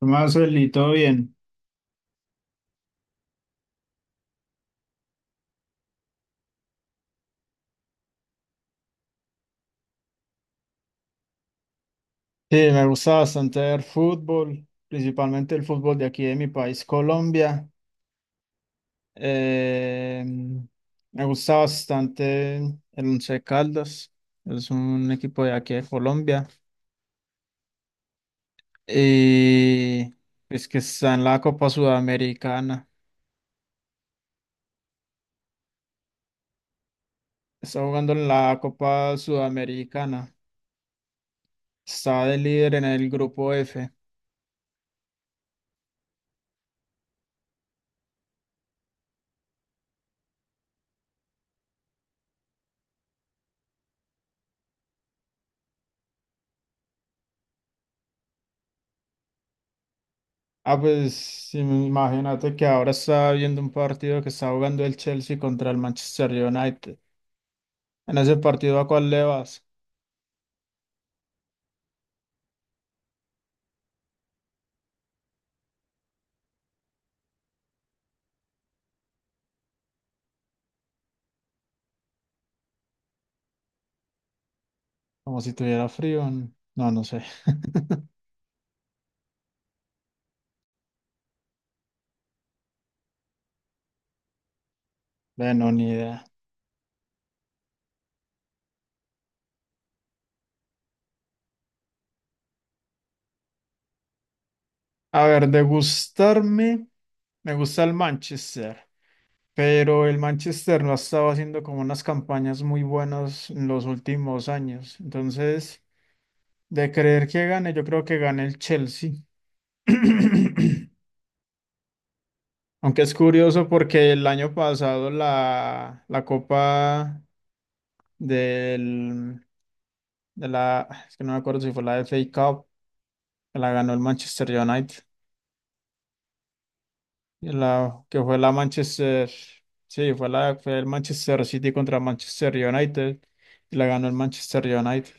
Marcel, y todo bien. Sí, me gusta bastante ver fútbol, principalmente el fútbol de aquí de mi país, Colombia. Eh, Me gusta bastante el Once Caldas, es un equipo de aquí de Colombia. Y es que está en la Copa Sudamericana, está jugando en la Copa Sudamericana, está de líder en el grupo F. Ah, pues sí, imagínate que ahora estaba viendo un partido que está jugando el Chelsea contra el Manchester United. En ese partido, ¿a cuál le vas? Como si tuviera frío. No, no sé. Bueno, ni idea. A ver, de gustarme, me gusta el Manchester, pero el Manchester no ha estado haciendo como unas campañas muy buenas en los últimos años. Entonces, de creer que gane, yo creo que gane el Chelsea. Aunque es curioso porque el año pasado la Copa del, es que no me acuerdo si fue la FA Cup, que la ganó el Manchester United, y la, que fue la Manchester, sí, fue el Manchester City contra Manchester United, y la ganó el Manchester United.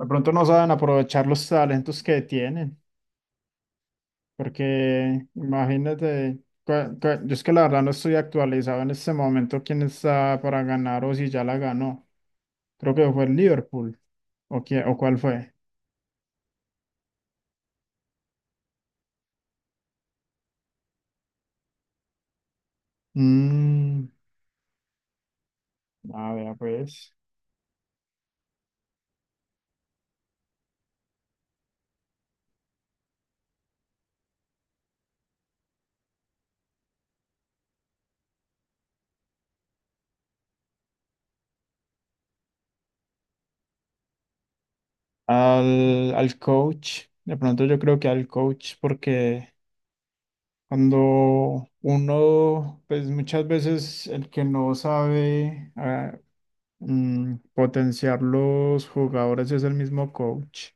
De pronto no saben aprovechar los talentos que tienen, porque imagínate, yo es que la verdad no estoy actualizado en este momento quién está para ganar o si ya la ganó. Creo que fue el Liverpool. ¿O, o cuál fue? Mm, a ver, pues. Al coach. De pronto yo creo que al coach, porque cuando uno, pues muchas veces el que no sabe potenciar los jugadores es el mismo coach.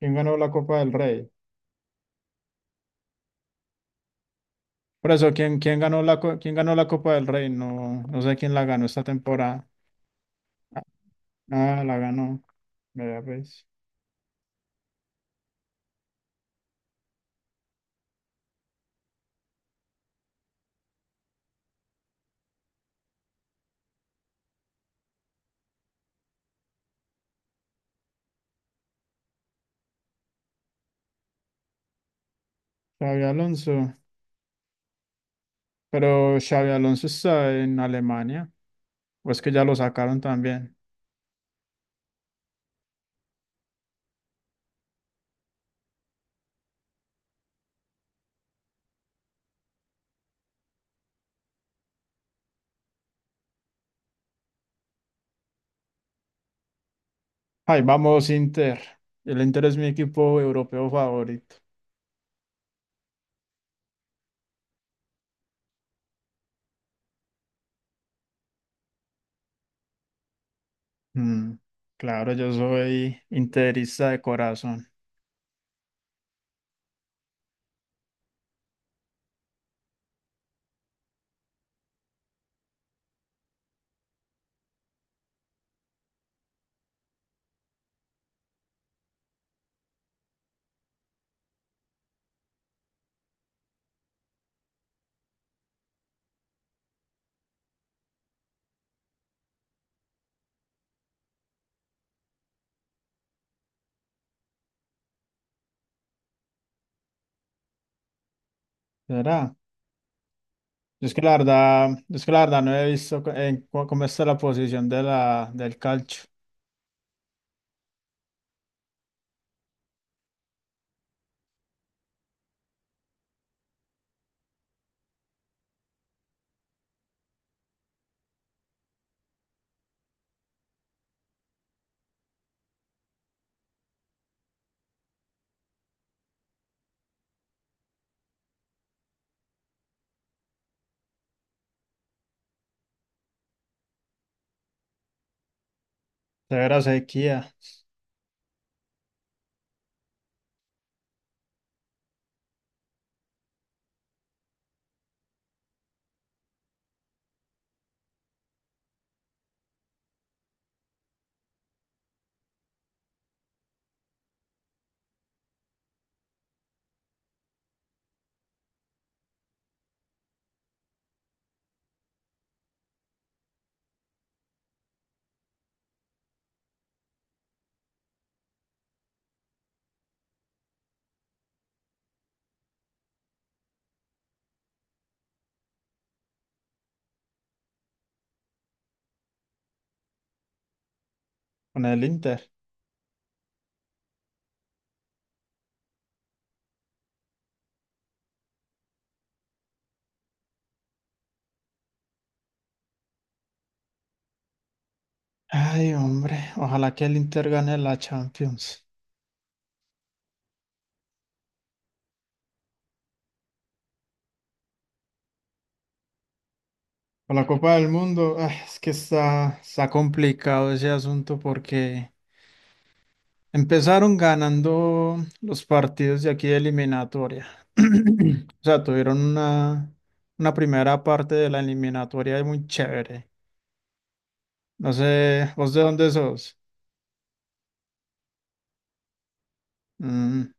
¿Quién ganó la Copa del Rey? Por eso, quién ganó la Copa del Rey? No, no sé quién la ganó esta temporada. Ah, la ganó. Vea, pues. Xabi Alonso. Pero Xavi Alonso está en Alemania. ¿O es que ya lo sacaron también? Ay, vamos Inter. El Inter es mi equipo europeo favorito. Mm, claro, yo soy interista de corazón. ¿Será? Yo es que la verdad, yo es que la verdad no he visto cómo está la posición del calcio. Severa sequía con el Inter. Ay, hombre, ojalá que el Inter gane la Champions, o la Copa del Mundo. Ay, es que está complicado ese asunto porque empezaron ganando los partidos de aquí de eliminatoria. O sea, tuvieron una primera parte de la eliminatoria muy chévere. No sé, ¿vos de dónde sos? Mm,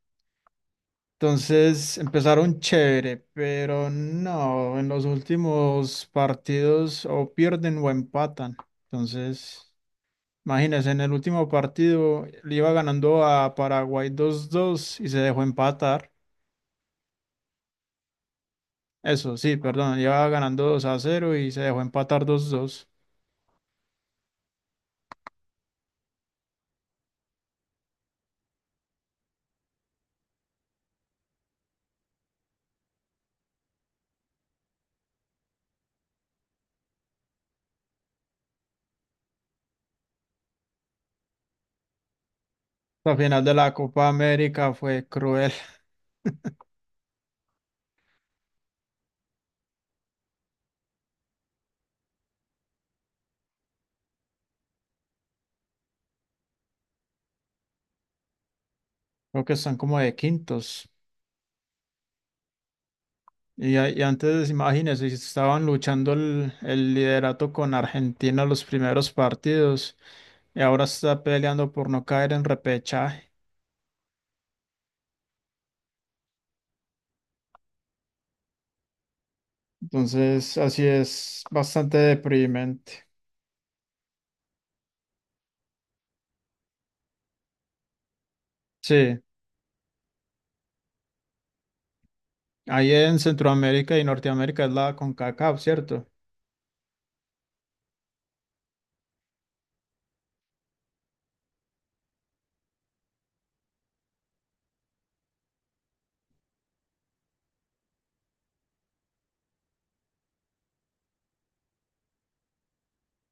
Entonces empezaron chévere, pero no, en los últimos partidos o pierden o empatan. Entonces, imagínense, en el último partido le iba ganando a Paraguay 2-2 y se dejó empatar. Eso, sí, perdón, iba ganando 2-0 y se dejó empatar 2-2. La final de la Copa América fue cruel. Creo que están como de quintos. Y antes, imagínense, estaban luchando el liderato con Argentina los primeros partidos y ahora está peleando por no caer en repechaje. Entonces, así es bastante deprimente. Sí, ahí en Centroamérica y Norteamérica es la CONCACAF, ¿cierto?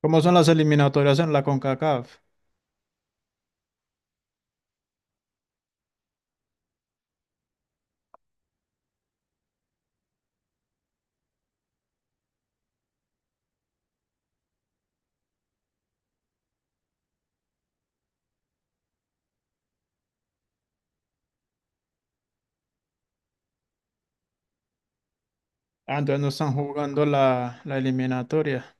¿Cómo son las eliminatorias en la CONCACAF? Ah, entonces no están jugando la eliminatoria.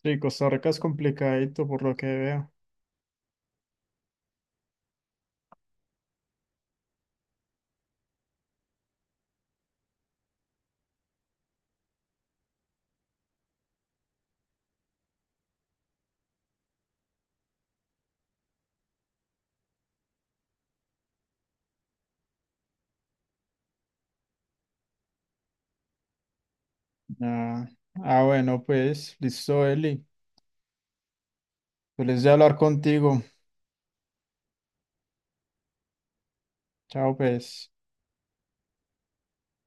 Sí, Costa Rica es complicadito por lo que veo. Ah, ah, bueno, pues, listo, Eli. Feliz de hablar contigo. Chao, pues.